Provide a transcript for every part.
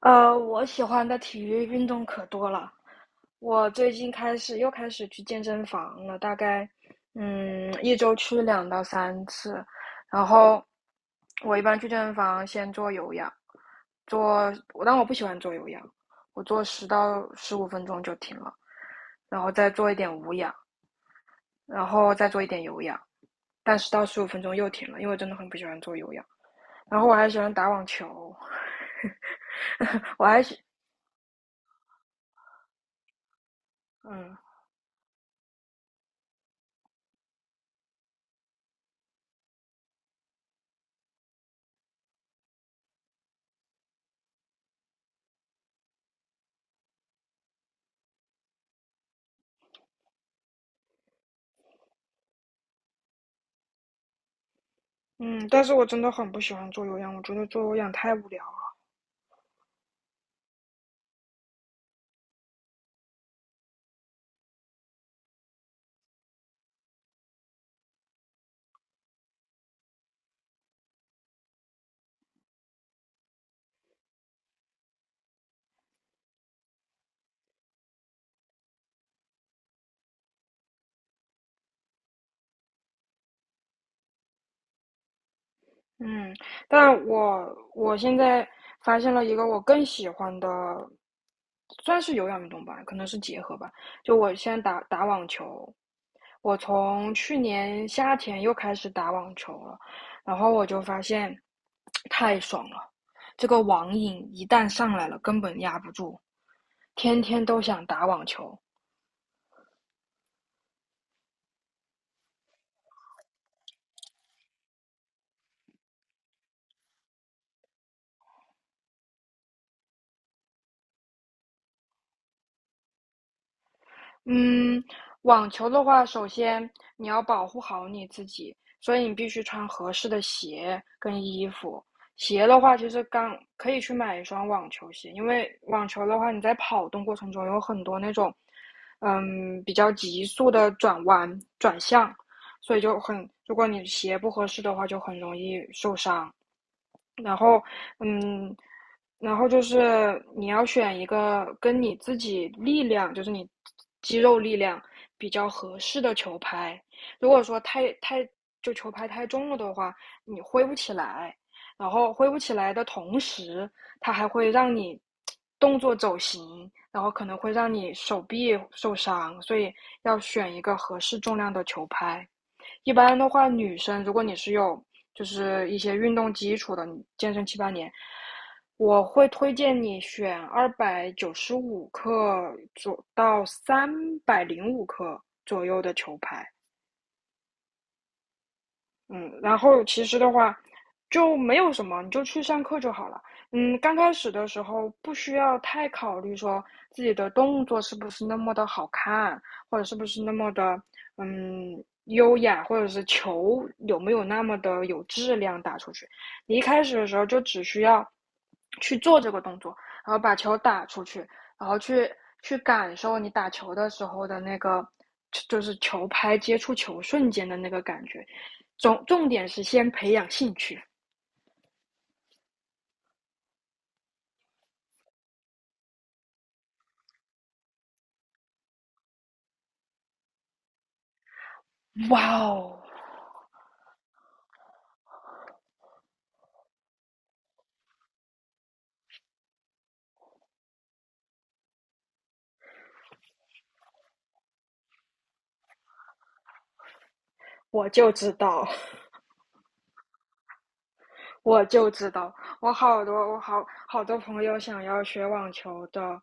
我喜欢的体育运动可多了。我最近开始又开始去健身房了，大概一周去2到3次。然后我一般去健身房先做有氧，但我不喜欢做有氧，我做十到十五分钟就停了，然后再做一点无氧，然后再做一点有氧，但十到十五分钟又停了，因为我真的很不喜欢做有氧。然后我还喜欢打网球，我还喜嗯。嗯，但是我真的很不喜欢做有氧，我觉得做有氧太无聊了。嗯，但我现在发现了一个我更喜欢的，算是有氧运动吧，可能是结合吧。就我现在打打网球，我从去年夏天又开始打网球了，然后我就发现太爽了，这个网瘾一旦上来了，根本压不住，天天都想打网球。嗯，网球的话，首先你要保护好你自己，所以你必须穿合适的鞋跟衣服。鞋的话，其实刚可以去买一双网球鞋，因为网球的话，你在跑动过程中有很多那种，嗯，比较急速的转弯转向，所以就很，如果你鞋不合适的话，就很容易受伤。然后，嗯，然后就是你要选一个跟你自己力量，就是你肌肉力量比较合适的球拍。如果说太就球拍太重了的话，你挥不起来，然后挥不起来的同时，它还会让你动作走形，然后可能会让你手臂受伤，所以要选一个合适重量的球拍。一般的话，女生如果你是有就是一些运动基础的，你健身七八年，我会推荐你选295克左到305克左右的球拍。嗯，然后其实的话，就没有什么，你就去上课就好了。嗯，刚开始的时候不需要太考虑说自己的动作是不是那么的好看，或者是不是那么的优雅，或者是球有没有那么的有质量打出去。你一开始的时候就只需要去做这个动作，然后把球打出去，然后去感受你打球的时候的那个，就是球拍接触球瞬间的那个感觉。重点是先培养兴趣。哇哦，我就知道，我就知道，我好多朋友想要学网球的，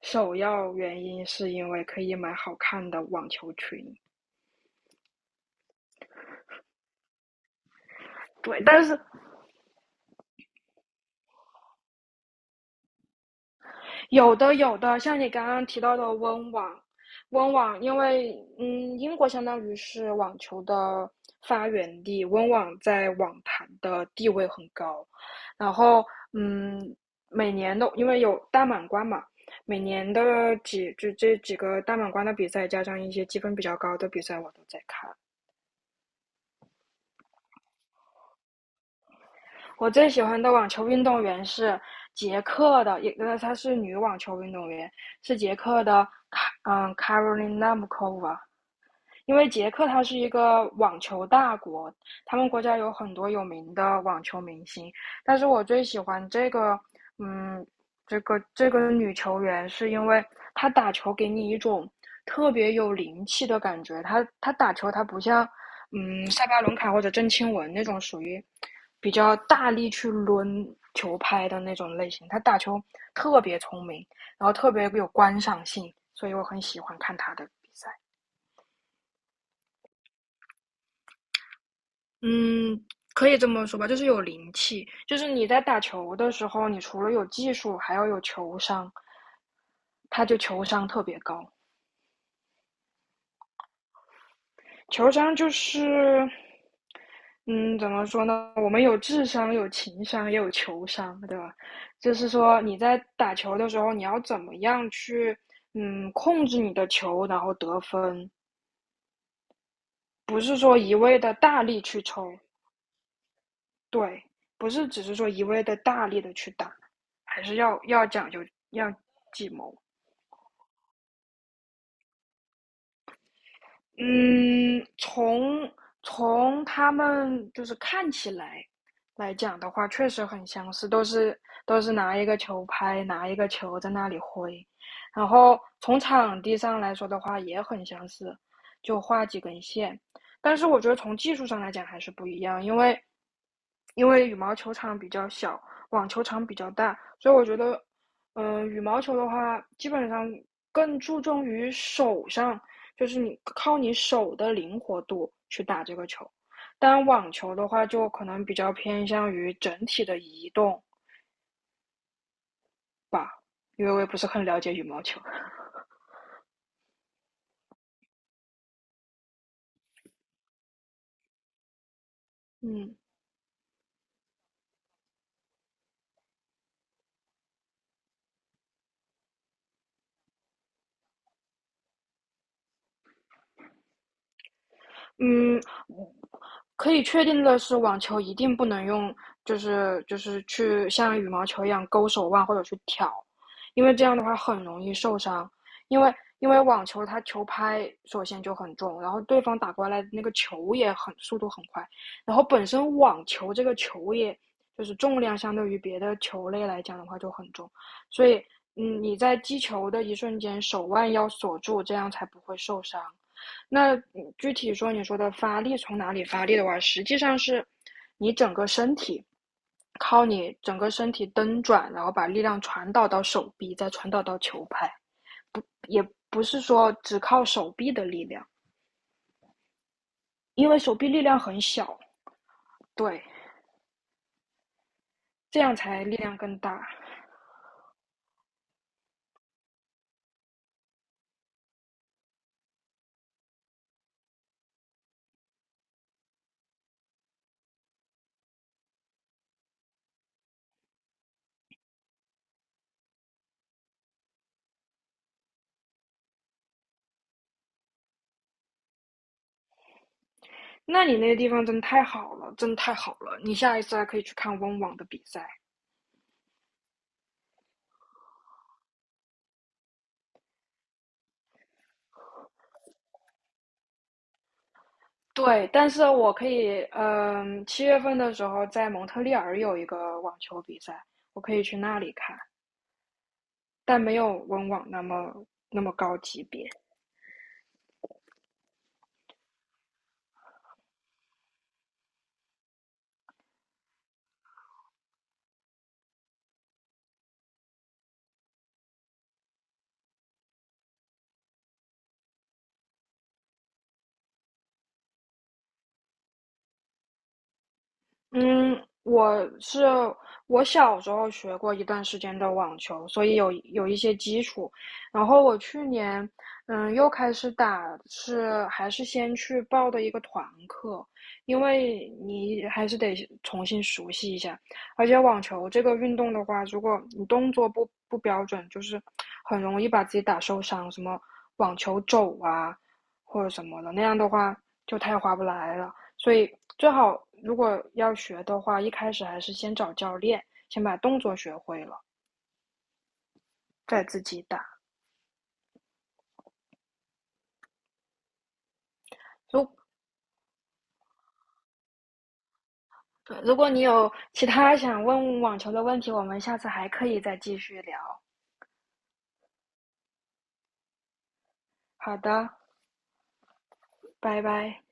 首要原因是因为可以买好看的网球裙。对，但是有的，有的，像你刚刚提到的温网，因为嗯，英国相当于是网球的发源地，温网在网坛的地位很高。然后，嗯，每年的因为有大满贯嘛，每年的几就这几个大满贯的比赛，加上一些积分比较高的比赛，我都在看。我最喜欢的网球运动员是捷克的，她是女网球运动员，是捷克的Karolina m u c o v a。 因为捷克它是一个网球大国，他们国家有很多有名的网球明星，但是我最喜欢这个，嗯，这个女球员，是因为她打球给你一种特别有灵气的感觉。她打球，她不像，嗯，塞巴伦卡或者郑钦文那种属于比较大力去抡球拍的那种类型，她打球特别聪明，然后特别有观赏性，所以我很喜欢看她的比赛。嗯，可以这么说吧，就是有灵气。就是你在打球的时候，你除了有技术，还要有球商，他就球商特别高。球商就是，嗯，怎么说呢？我们有智商，有情商，也有球商，对吧？就是说你在打球的时候，你要怎么样去，嗯，控制你的球，然后得分，不是说一味的大力去抽。对，不是只是说一味的大力的去打，还是要讲究要计谋。嗯，从他们就是看起来来讲的话，确实很相似，都是拿一个球拍，拿一个球在那里挥，然后从场地上来说的话也很相似，就画几根线，但是我觉得从技术上来讲还是不一样，因为羽毛球场比较小，网球场比较大，所以我觉得嗯，羽毛球的话，基本上更注重于手上，就是你靠你手的灵活度去打这个球。但网球的话，就可能比较偏向于整体的移动，因为我也不是很了解羽毛球。嗯。嗯，可以确定的是，网球一定不能用，就是去像羽毛球一样勾手腕或者去挑，因为这样的话很容易受伤。因为因为网球它球拍首先就很重，然后对方打过来的那个球也很速度很快，然后本身网球这个球也就是重量相对于别的球类来讲的话就很重，所以嗯你在击球的一瞬间手腕要锁住，这样才不会受伤。具体说，你说的发力从哪里发力的话，实际上是你整个身体，靠你整个身体蹬转，然后把力量传导到手臂，再传导到球拍，也不是说只靠手臂的力量，因为手臂力量很小，对，这样才力量更大。那你那个地方真的太好了，真的太好了！你下一次还可以去看温网的比赛。对，但是我可以，7月份的时候在蒙特利尔有一个网球比赛，我可以去那里看，但没有温网那么高级别。嗯，我小时候学过一段时间的网球，所以有一些基础。然后我去年，嗯，又开始打，是还是先去报的一个团课，因为你还是得重新熟悉一下。而且网球这个运动的话，如果你动作不标准，就是很容易把自己打受伤，什么网球肘啊或者什么的，那样的话就太划不来了。所以最好如果要学的话，一开始还是先找教练，先把动作学会了，再自己打。如如果你有其他想问网球的问题，我们下次还可以再继续聊。好的，拜拜。